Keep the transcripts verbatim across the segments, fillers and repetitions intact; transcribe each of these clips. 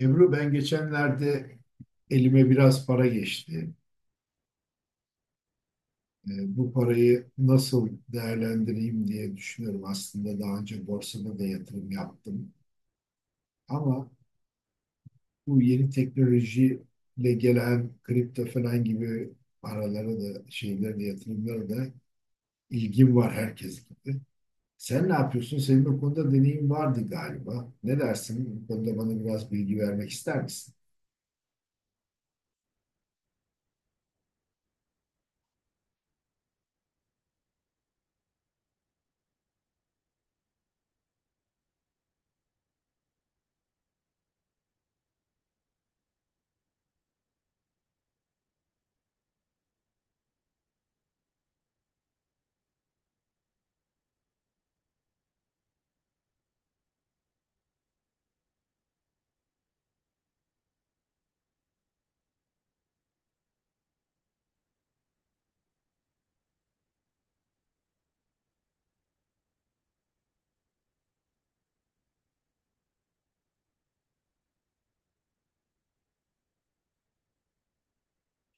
Ebru ben geçenlerde elime biraz para geçti. E, bu parayı nasıl değerlendireyim diye düşünüyorum. Aslında daha önce borsada da yatırım yaptım. Ama bu yeni teknolojiyle gelen kripto falan gibi paralara da şeylere de yatırımlara da ilgim var herkes gibi. Sen ne yapıyorsun? Senin bu konuda deneyim vardı galiba. Ne dersin? Bu konuda bana biraz bilgi vermek ister misin?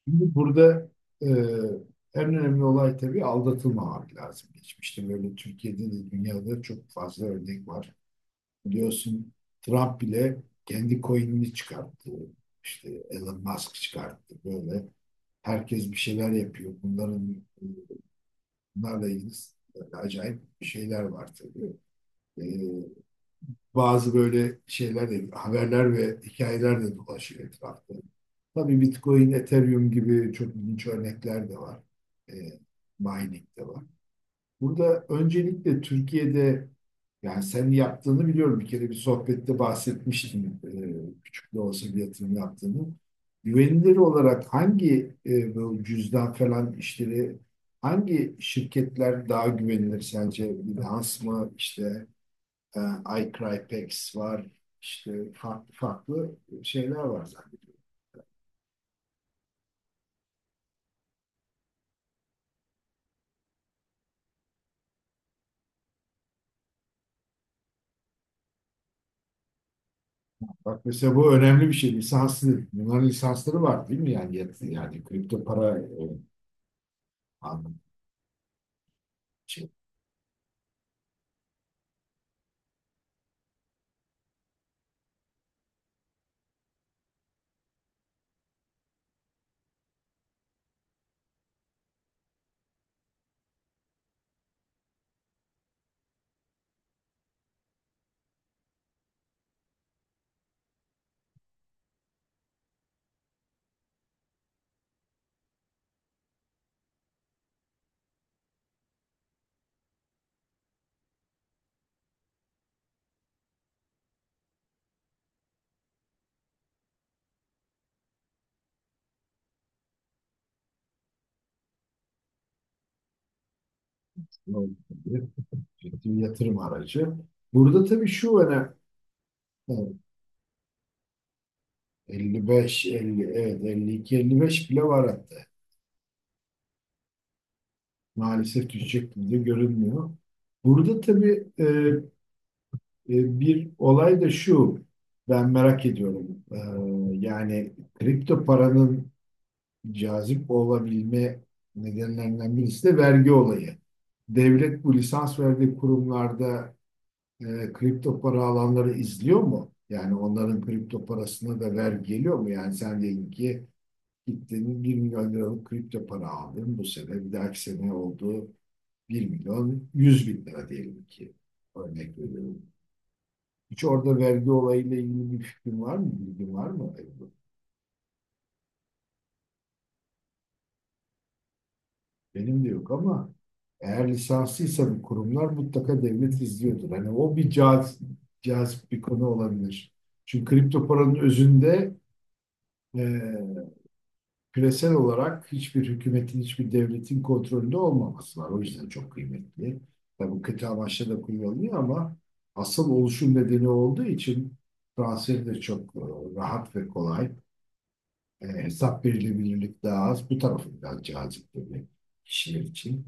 Şimdi burada e, en önemli olay tabii aldatılmamak lazım. Geçmişte böyle Türkiye'de de dünyada çok fazla örnek var. Biliyorsun Trump bile kendi coin'ini çıkarttı. İşte Elon Musk çıkarttı. Böyle herkes bir şeyler yapıyor. Bunların e, bunlarla ilgili acayip şeyler var tabii. E, Bazı böyle şeyler de, haberler ve hikayeler de dolaşıyor etrafta. Tabii Bitcoin, Ethereum gibi çok ilginç örnekler de var. E, Mining de var. Burada öncelikle Türkiye'de yani sen yaptığını biliyorum. Bir kere bir sohbette bahsetmiştim e, küçük de olsa bir yatırım yaptığını. Güvenilir olarak hangi e, bu cüzdan falan işleri hangi şirketler daha güvenilir sence? Binance mı işte e, iCrypex var, işte farklı farklı şeyler var zannediyorum. Bak mesela bu önemli bir şey. Lisanslı. Bunların lisansları var değil mi? Yani, yat- yani kripto para e, anlamında şey, ne olabilir? Ciddi bir yatırım aracı. Burada tabii şu önemli. Evet, elli beş, elli, evet elli iki, elli beş bile var hatta. Maalesef düşecek gibi de görünmüyor. Burada tabii e, e, bir olay da şu. Ben merak ediyorum. E, yani kripto paranın cazip olabilme nedenlerinden birisi de vergi olayı. Devlet bu lisans verdiği kurumlarda e, kripto para alanları izliyor mu? Yani onların kripto parasına da vergi geliyor mu? Yani sen diyelim ki gittin bir milyon liralık kripto para aldın. Bu sene bir dahaki sene oldu bir milyon yüz bin lira diyelim ki. Örnek veriyorum. Hiç orada vergi olayıyla ilgili bir fikrin var mı? Bilgin var mı? Benim de yok ama eğer lisanslıysa bu kurumlar mutlaka devlet izliyordur. Hani o bir caz, cazip bir konu olabilir. Çünkü kripto paranın özünde e, küresel olarak hiçbir hükümetin, hiçbir devletin kontrolünde olmaması var. O yüzden çok kıymetli. Tabii kötü amaçla da kullanılıyor ama asıl oluşum nedeni olduğu için transferi de çok e, rahat ve kolay. E, hesap verilebilirlik daha az. Bu tarafı daha cazip tabii kişiler için.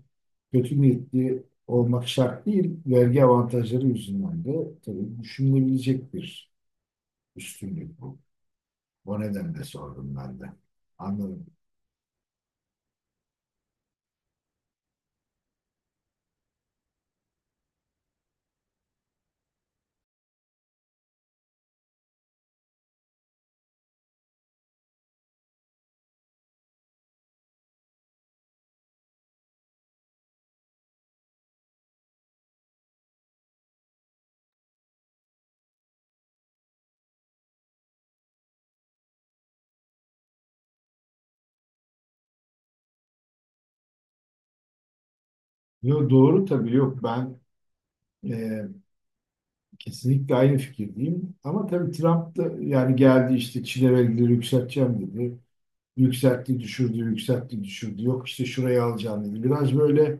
Kötü niyetli olmak şart değil. Vergi avantajları yüzünden de tabii düşünülebilecek bir üstünlük bu. O nedenle sordum ben de. Anladım. Yo, doğru tabii yok ben e, kesinlikle aynı fikirdeyim. Ama tabii Trump da yani geldi işte Çin'e vergileri yükselteceğim dedi. Yükseltti, düşürdü, yükseltti, düşürdü. Yok işte şurayı alacağım dedi. Biraz böyle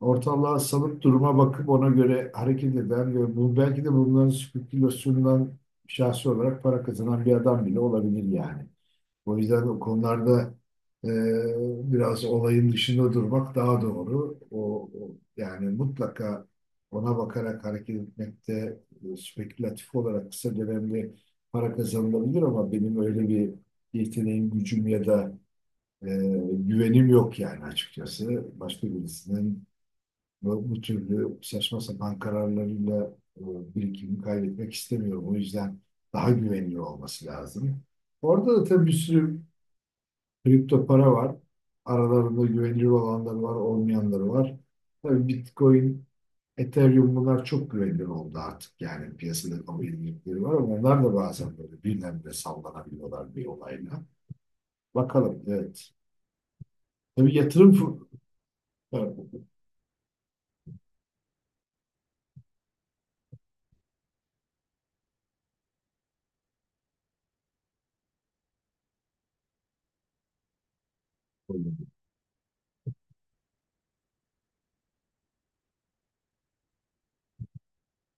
ortalığa salıp duruma bakıp ona göre hareket eden ve bu belki de bunların spekülasyonundan şahsi olarak para kazanan bir adam bile olabilir yani. O yüzden o konularda e, biraz olayın dışında durmak daha doğru. O, o- yani mutlaka ona bakarak hareket etmekte e, spekülatif olarak kısa dönemde para kazanılabilir ama benim öyle bir yeteneğim, gücüm ya da e, güvenim yok yani açıkçası. Başka birisinin bu, bu türlü saçma sapan kararlarıyla e, birikimimi kaybetmek istemiyorum. O yüzden daha güvenilir olması lazım. Orada da tabii bir sürü kripto para var. Aralarında güvenilir olanları var, olmayanları var. Tabii Bitcoin, Ethereum bunlar çok güvenilir oldu artık. Yani piyasada kabul edilirleri var ama onlar da bazen böyle birdenbire sallanabiliyorlar bir olayla. Bakalım, evet. Tabii yatırım fır-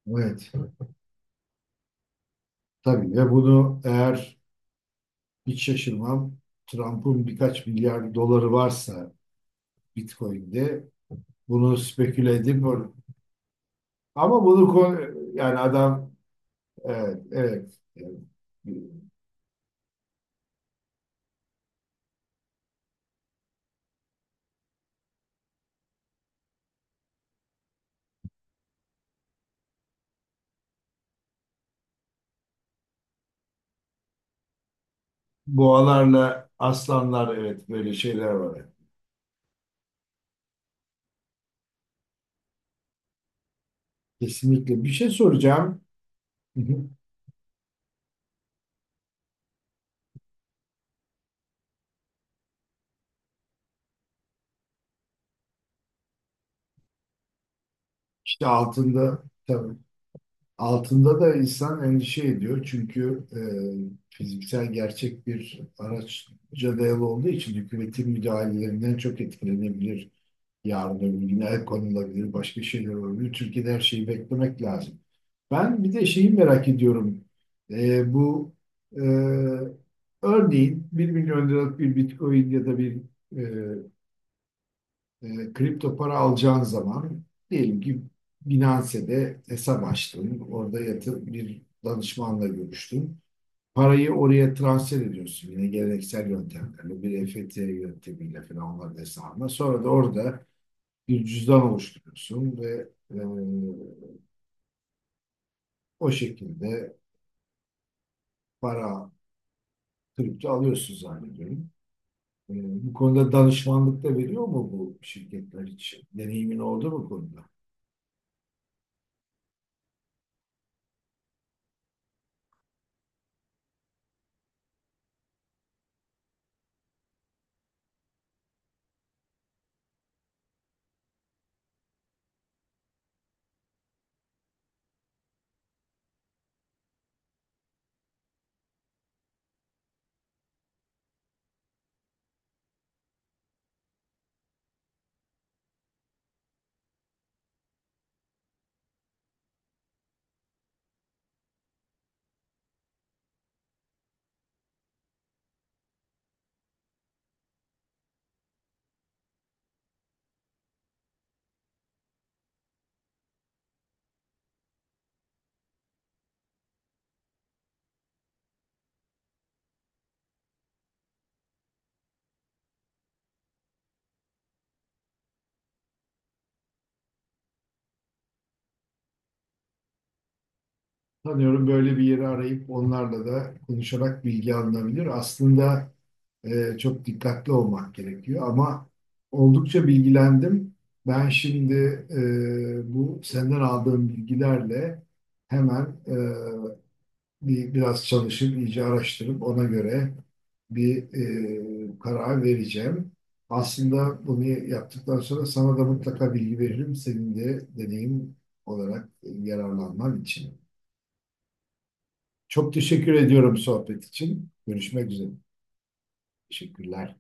evet, tabii ve bunu eğer hiç şaşırmam Trump'ın birkaç milyar doları varsa Bitcoin'de bunu speküle edip ama bunu ko- yani adam, evet evet yani boğalarla aslanlar evet böyle şeyler var. Kesinlikle bir şey soracağım. İşte altında tabii altında da insan endişe ediyor çünkü e, fiziksel gerçek bir araçça dayalı olduğu için hükümetin müdahalelerinden çok etkilenebilir. Yarın öbür gün el konulabilir, başka şeyler olabilir. Türkiye'de her şeyi beklemek lazım. Ben bir de şeyi merak ediyorum. E, bu e, Örneğin bir milyon liralık bir Bitcoin ya da bir e, e, kripto para alacağın zaman diyelim ki Binance'de hesap açtın. Orada yatır, bir danışmanla görüştün. Parayı oraya transfer ediyorsun yine geleneksel yöntemlerle, bir E F T yöntemiyle falan onların hesabına. Sonra da orada bir cüzdan oluşturuyorsun ve e, o şekilde para kripto alıyorsun zannediyorum. E, bu konuda danışmanlık da veriyor mu bu şirketler için? Deneyimin oldu mu bu konuda? Sanıyorum böyle bir yeri arayıp onlarla da konuşarak bilgi alınabilir. Aslında e, çok dikkatli olmak gerekiyor ama oldukça bilgilendim. Ben şimdi e, bu senden aldığım bilgilerle hemen e, bir, biraz çalışıp iyice araştırıp ona göre bir e, karar vereceğim. Aslında bunu yaptıktan sonra sana da mutlaka bilgi veririm. Senin de deneyim olarak yararlanman için. Çok teşekkür ediyorum sohbet için. Görüşmek üzere. Teşekkürler.